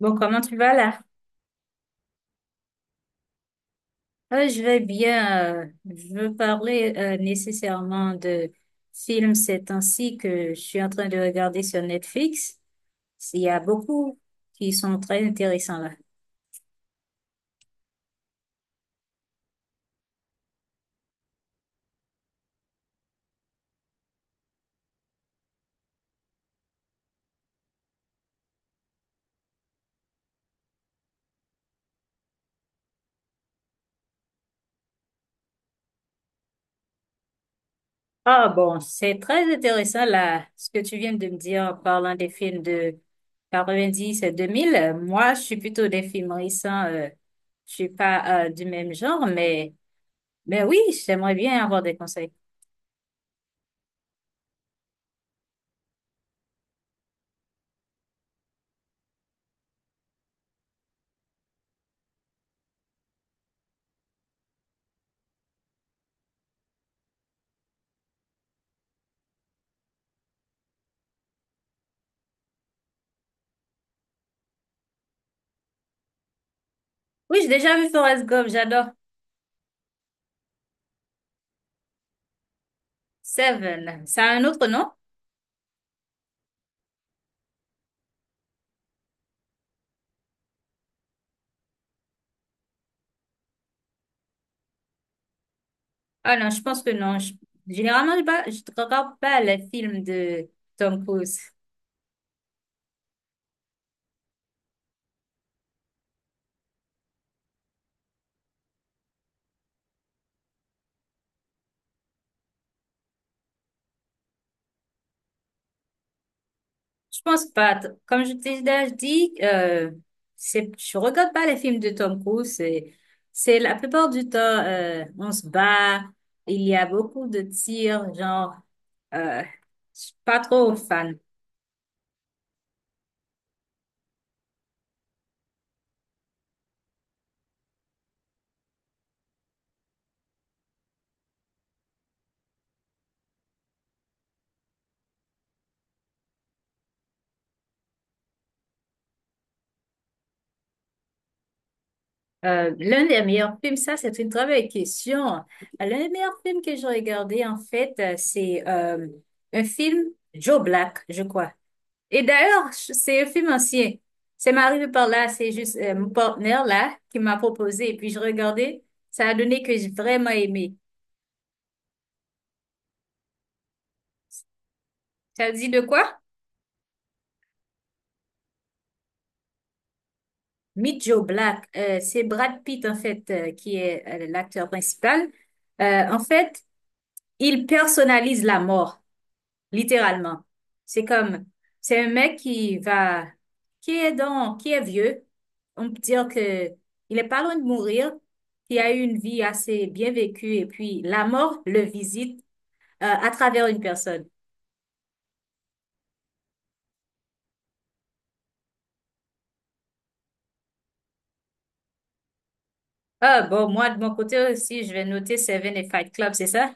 Bon, comment tu vas là? Je vais bien. Je veux parler nécessairement de films ces temps-ci que je suis en train de regarder sur Netflix. Il y a beaucoup qui sont très intéressants là. Ah bon, c'est très intéressant là, ce que tu viens de me dire en parlant des films de 90 et 2000. Moi, je suis plutôt des films récents. Je suis pas du même genre, mais oui, j'aimerais bien avoir des conseils. Oui, j'ai déjà vu Forrest Gump, j'adore. Seven, c'est un autre nom? Ah non, je pense que non. Généralement, je ne regarde pas les films de Tom Cruise. Je pense pas. Comme je t'ai déjà dit, c'est, je regarde pas les films de Tom Cruise. C'est la plupart du temps, on se bat. Il y a beaucoup de tirs, genre, je suis pas trop fan. L'un des meilleurs films, ça c'est une très belle question. L'un des meilleurs films que j'ai regardé en fait, c'est un film Joe Black, je crois. Et d'ailleurs, c'est un film ancien. C'est m'arrivé par là, c'est juste mon partenaire là qui m'a proposé et puis je regardais. Ça a donné que j'ai vraiment aimé. Ça dit de quoi? Meet Joe Black. C'est Brad Pitt en fait qui est l'acteur principal. En fait, il personnalise la mort. Littéralement. C'est comme, c'est un mec qui va, qui est vieux. On peut dire que il est pas loin de mourir, qui a eu une vie assez bien vécue et puis la mort le visite à travers une personne. Ah bon, moi de mon côté aussi, je vais noter Seven et Fight Club, c'est ça?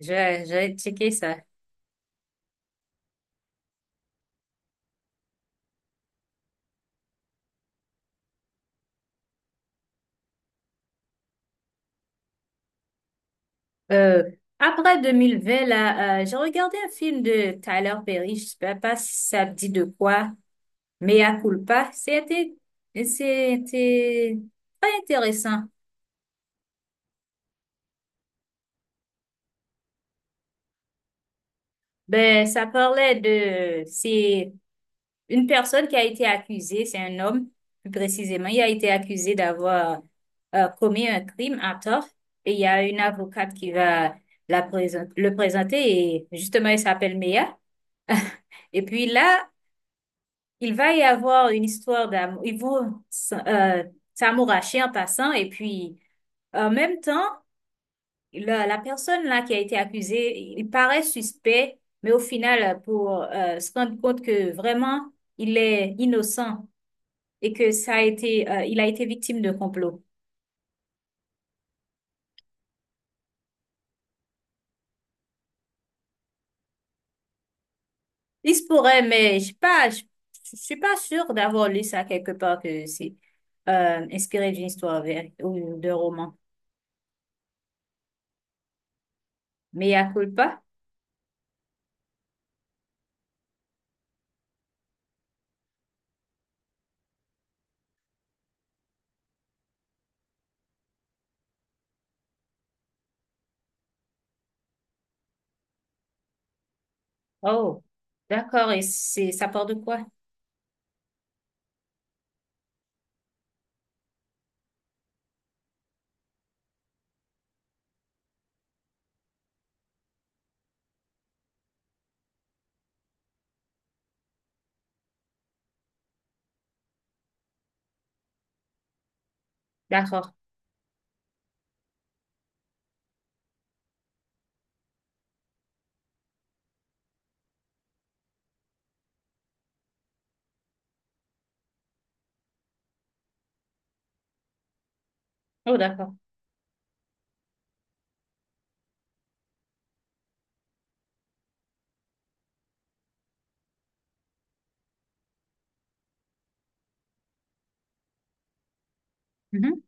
Je vais checker ça. Euh, Après 2020, là, j'ai regardé un film de Tyler Perry, je sais pas si ça me dit de quoi. Mea culpa, c'était, c'était très intéressant. Ben, ça parlait de, c'est une personne qui a été accusée, c'est un homme, plus précisément, il a été accusé d'avoir commis un crime à tort. Et il y a une avocate qui va le présenter et justement, il s'appelle Mea. Et puis là, il va y avoir une histoire d'amour. S'amouracher en passant. Et puis, en même temps, la personne là qui a été accusée, il paraît suspect, mais au final, pour se rendre compte que vraiment il est innocent et que ça a été, il a été victime de complot. Il se pourrait, mais je sais pas, je suis pas sûre d'avoir lu ça quelque part que c'est inspiré d'une histoire vraie ou d'un roman. Mais à culpa? Oh, d'accord. Et c'est ça part de quoi? D'accord. Oh, d'accord. Mhm.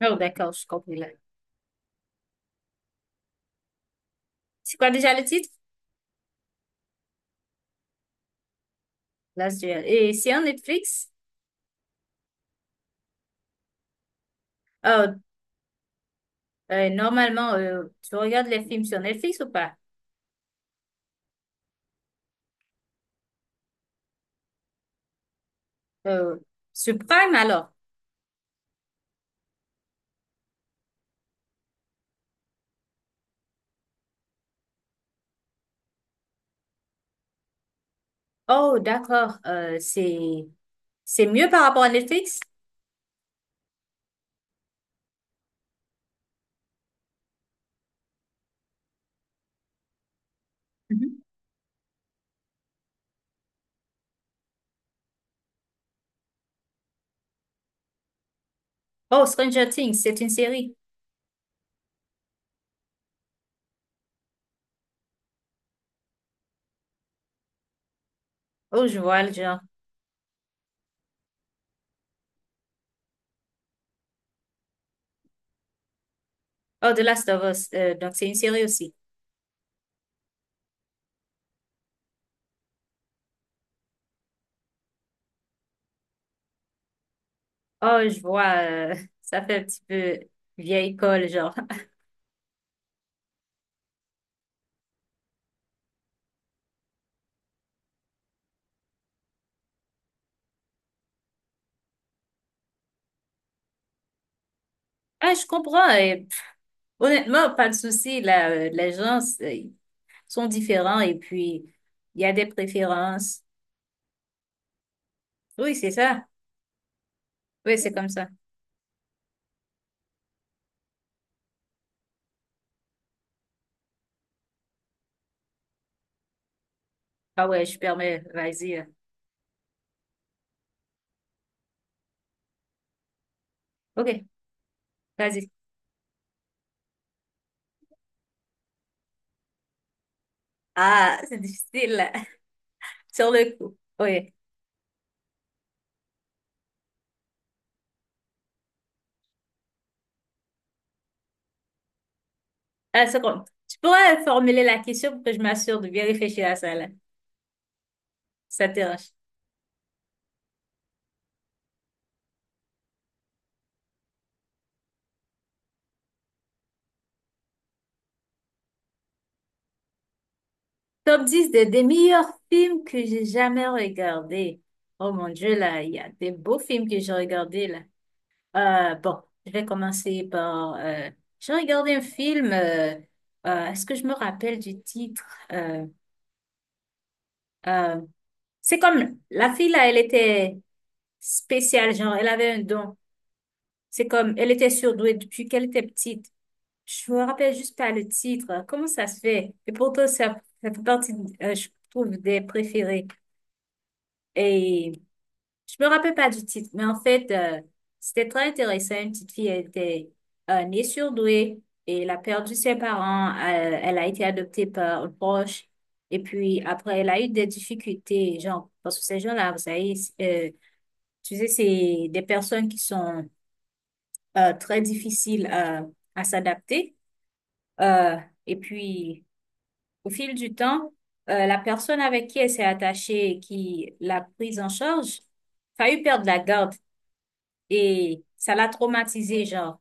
Oh, d'accord. Je comprends là. C'est quoi déjà le titre? Last Duel. Et c'est en Netflix? Euh, Normalement, tu regardes les films sur Netflix ou pas? Euh, sur Prime alors? Oh, d'accord. C'est mieux par rapport à Netflix? Mhm. Oh, Stranger Things, c'est une série. Oh, je vois le genre. Oh, The Last of Us, donc c'est une série aussi. Oh, je vois, ça fait un petit peu vieille école, genre. Ah, je comprends. Et honnêtement, pas de souci. Là, les gens sont différents et puis il y a des préférences. Oui, c'est ça. Oui, c'est comme ça. Ah ouais, je permets. Vas-y. Ok, vas-y. Ah, c'est difficile. Sur le coup. Oui. Ah, seconde. Tu pourrais formuler la question pour que je m'assure de bien réfléchir à ça, là. Ça te dérange. Top 10 de- des meilleurs films que j'ai jamais regardés. Oh mon Dieu, là, il y a des beaux films que j'ai regardés, là. Bon, je vais commencer par... j'ai regardé un film... est-ce que je me rappelle du titre? Euh, Euh, c'est comme la fille là, elle était spéciale, genre, elle avait un don. C'est comme, elle était surdouée depuis qu'elle était petite. Je me rappelle juste pas le titre. Comment ça se fait? Et pourtant, ça fait partie, je trouve, des préférés. Et je me rappelle pas du titre, mais en fait, c'était très intéressant. Une petite fille elle était née surdouée et elle a perdu ses parents. Elle a été adoptée par un proche. Et puis après, elle a eu des difficultés, genre, parce que ces gens-là, vous savez, tu sais, c'est des personnes qui sont très difficiles à s'adapter. Euh, et puis, au fil du temps, la personne avec qui elle s'est attachée et qui l'a prise en charge, failli perdre la garde. Et ça l'a traumatisé genre.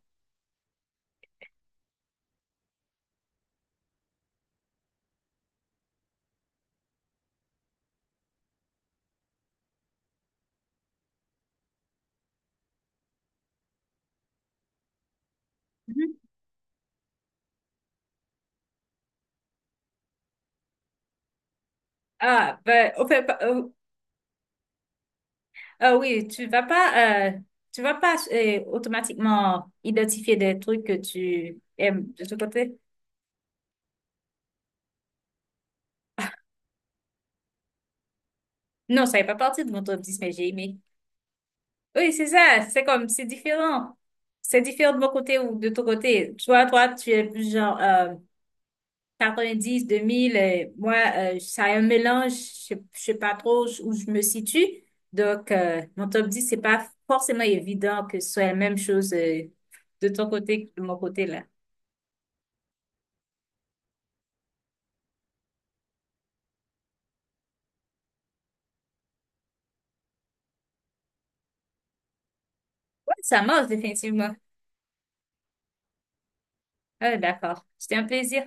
Mhm. Ah, ben, on fait pas- Ah oui, tu vas pas automatiquement identifier des trucs que tu aimes de ce côté. Non, ça n'est pas partie de mon top 10, mais j'ai aimé. Oui, c'est ça, c'est comme, c'est différent. C'est différent de mon côté ou de ton côté. Toi, toi, tu es plus genre, 90, 2000, moi, ça a un mélange, je ne sais pas trop où je me situe. Donc, mon top 10, c'est pas forcément évident que ce soit la même chose de ton côté que de mon côté là. Ouais, ça marche définitivement. Ah, d'accord. C'était un plaisir.